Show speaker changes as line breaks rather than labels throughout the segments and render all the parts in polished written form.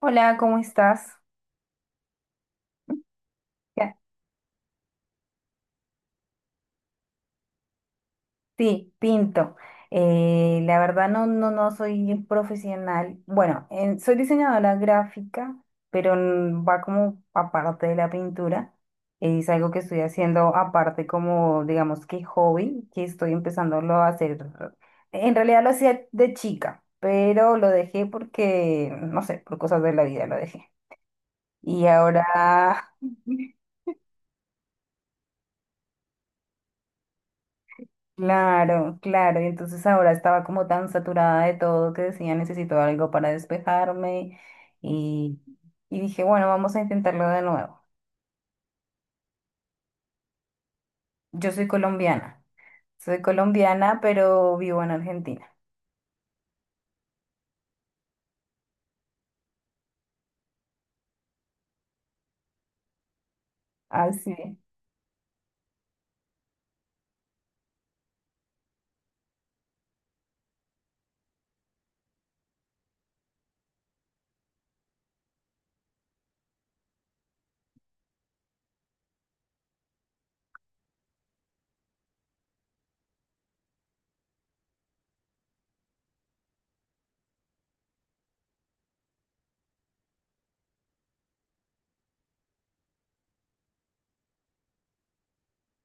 Hola, ¿cómo estás? Ya. Sí, pinto. La verdad no soy profesional. Bueno, soy diseñadora gráfica, pero va como aparte de la pintura. Es algo que estoy haciendo aparte como, digamos que hobby, que estoy empezándolo a hacer. En realidad lo hacía de chica, pero lo dejé porque, no sé, por cosas de la vida lo dejé. Y ahora Claro, claro, y entonces ahora estaba como tan saturada de todo que decía necesito algo para despejarme y, y dije, bueno, vamos a intentarlo de nuevo. Yo soy colombiana, pero vivo en Argentina. Así sí.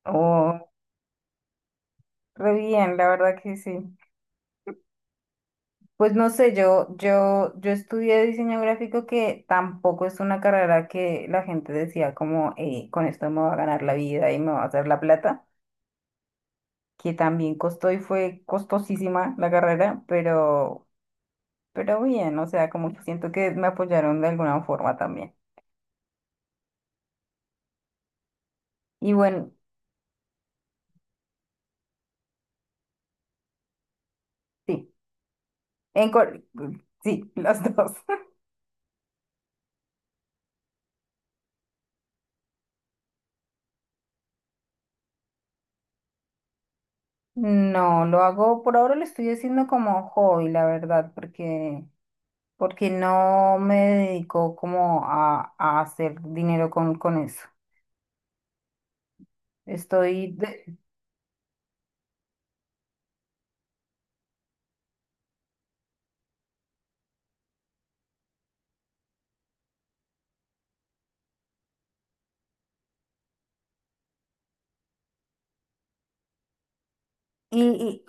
Oh, re bien, la verdad que sí. Pues no sé, yo estudié diseño gráfico que tampoco es una carrera que la gente decía como, con esto me va a ganar la vida y me va a hacer la plata. Que también costó y fue costosísima la carrera, pero bien, o sea, como que siento que me apoyaron de alguna forma también. Y bueno, sí, en cor- sí, las dos. No, lo hago, por ahora lo estoy haciendo como hobby, la verdad, porque, porque no me dedico como a hacer dinero con eso. Estoy, de- y,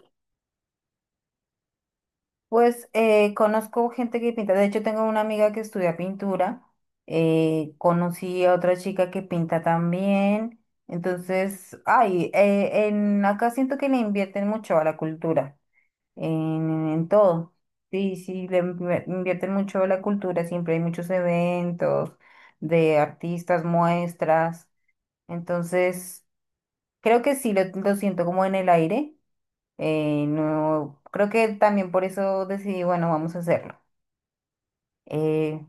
Pues conozco gente que pinta, de hecho tengo una amiga que estudia pintura, conocí a otra chica que pinta también, entonces, ay, acá siento que le invierten mucho a la cultura, en todo, sí, sí, invierten mucho a la cultura, siempre hay muchos eventos de artistas, muestras, entonces, creo que sí, lo siento como en el aire, no, creo que también por eso decidí, bueno, vamos a hacerlo. Eh,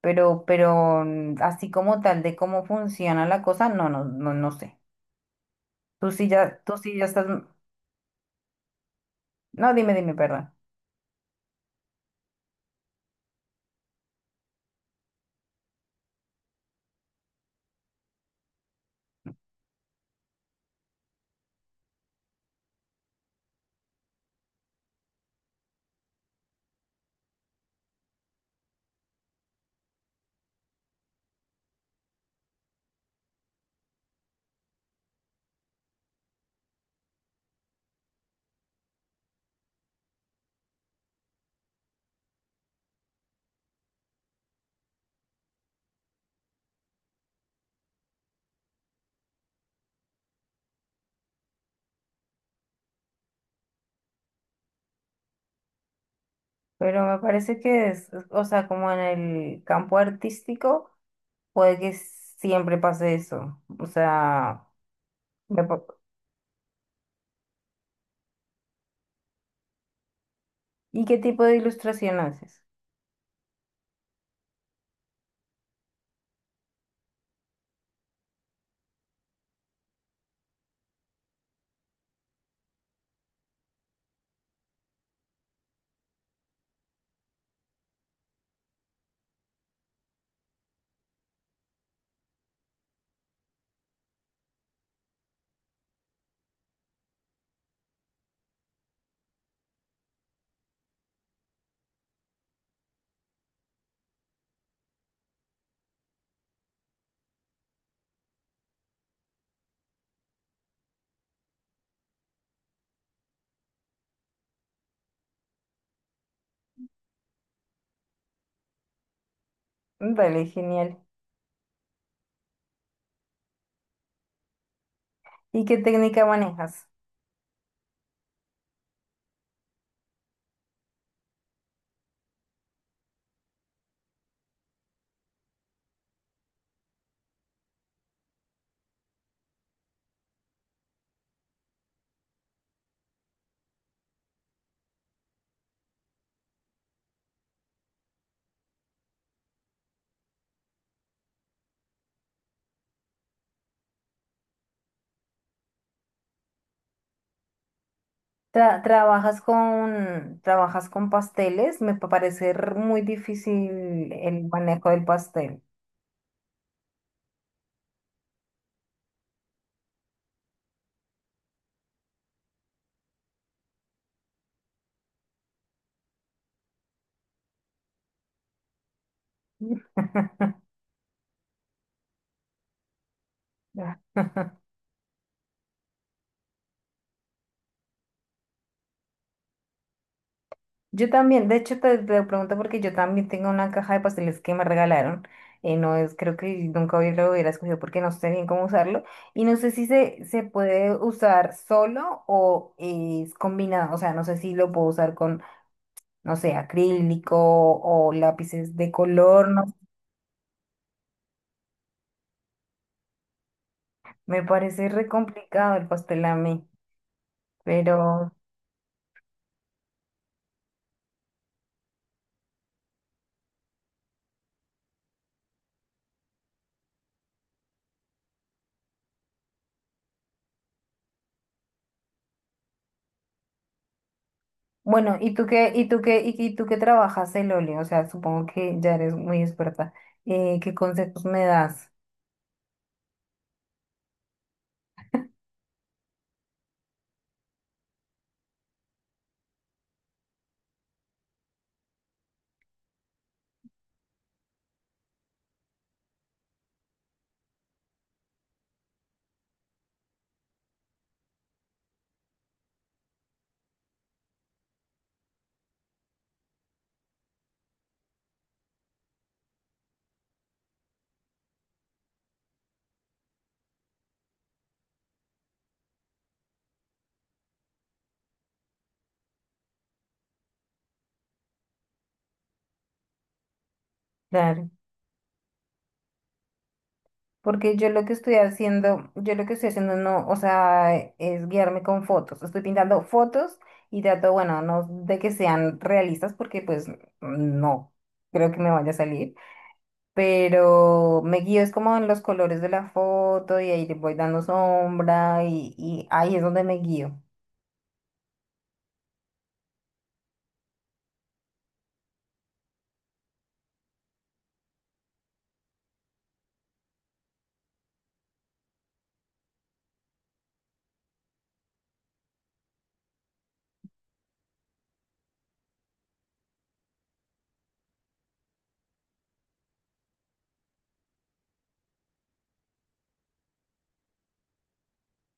pero así como tal de cómo funciona la cosa, no sé. Tú sí ya estás. No, dime, perdón. Pero me parece que o sea, como en el campo artístico, puede que siempre pase eso. O sea, me pa- ¿y qué tipo de ilustración haces? Vale, genial. ¿Y qué técnica manejas? Trabajas trabajas con pasteles, parece muy difícil el manejo del pastel. Yo también, de hecho te lo pregunto porque yo también tengo una caja de pasteles que me regalaron. No es, creo que nunca hubiera- lo hubiera escogido porque no sé bien cómo usarlo. Y no sé si se puede usar solo o es combinado. O sea, no sé si lo puedo usar con, no sé, acrílico o lápices de color. No, me parece re complicado el pastel a mí. Bueno, ¿y tú qué trabajas el óleo? O sea, supongo que ya eres muy experta. ¿Qué consejos me das? Claro. Porque yo lo que estoy haciendo, yo lo que estoy haciendo no, o sea, es guiarme con fotos. Estoy pintando fotos y trato, bueno, no de que sean realistas porque pues no creo que me vaya a salir, pero me guío es como en los colores de la foto y ahí le voy dando sombra y ahí es donde me guío.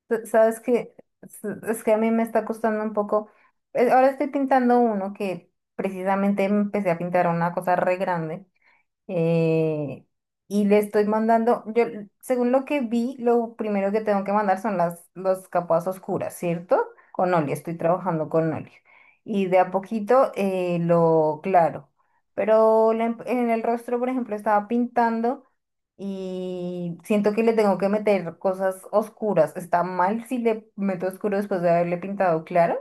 Sabes que es que a mí me está costando un poco. Ahora estoy pintando uno que precisamente empecé a pintar una cosa re grande, eh, y le estoy mandando, yo, según lo que vi, lo primero que tengo que mandar son las capas oscuras, ¿cierto? Con óleo, estoy trabajando con óleo. Y de a poquito lo claro. Pero en el rostro, por ejemplo, estaba pintando y siento que le tengo que meter cosas oscuras. ¿Está mal si le meto oscuro después de haberle pintado claro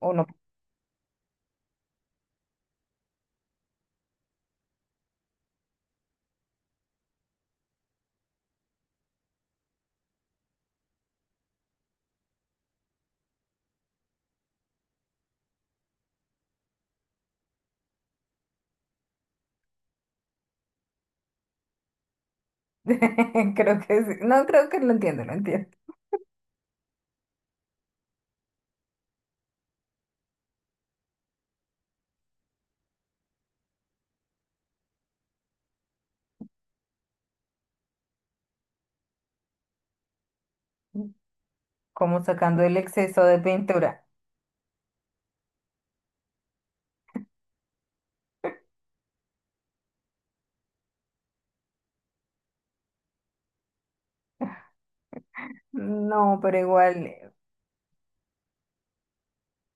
o no? Creo que sí. No, creo que lo entiendo, lo entiendo. Como sacando el exceso de pintura. No, pero igual,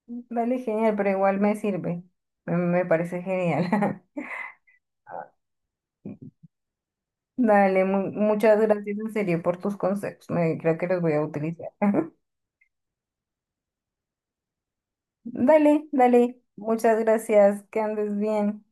dale, genial, pero igual me sirve. Me parece genial. Dale, muchas gracias en serio por tus consejos. Me, creo que los voy a utilizar. Dale, dale, muchas gracias, que andes bien.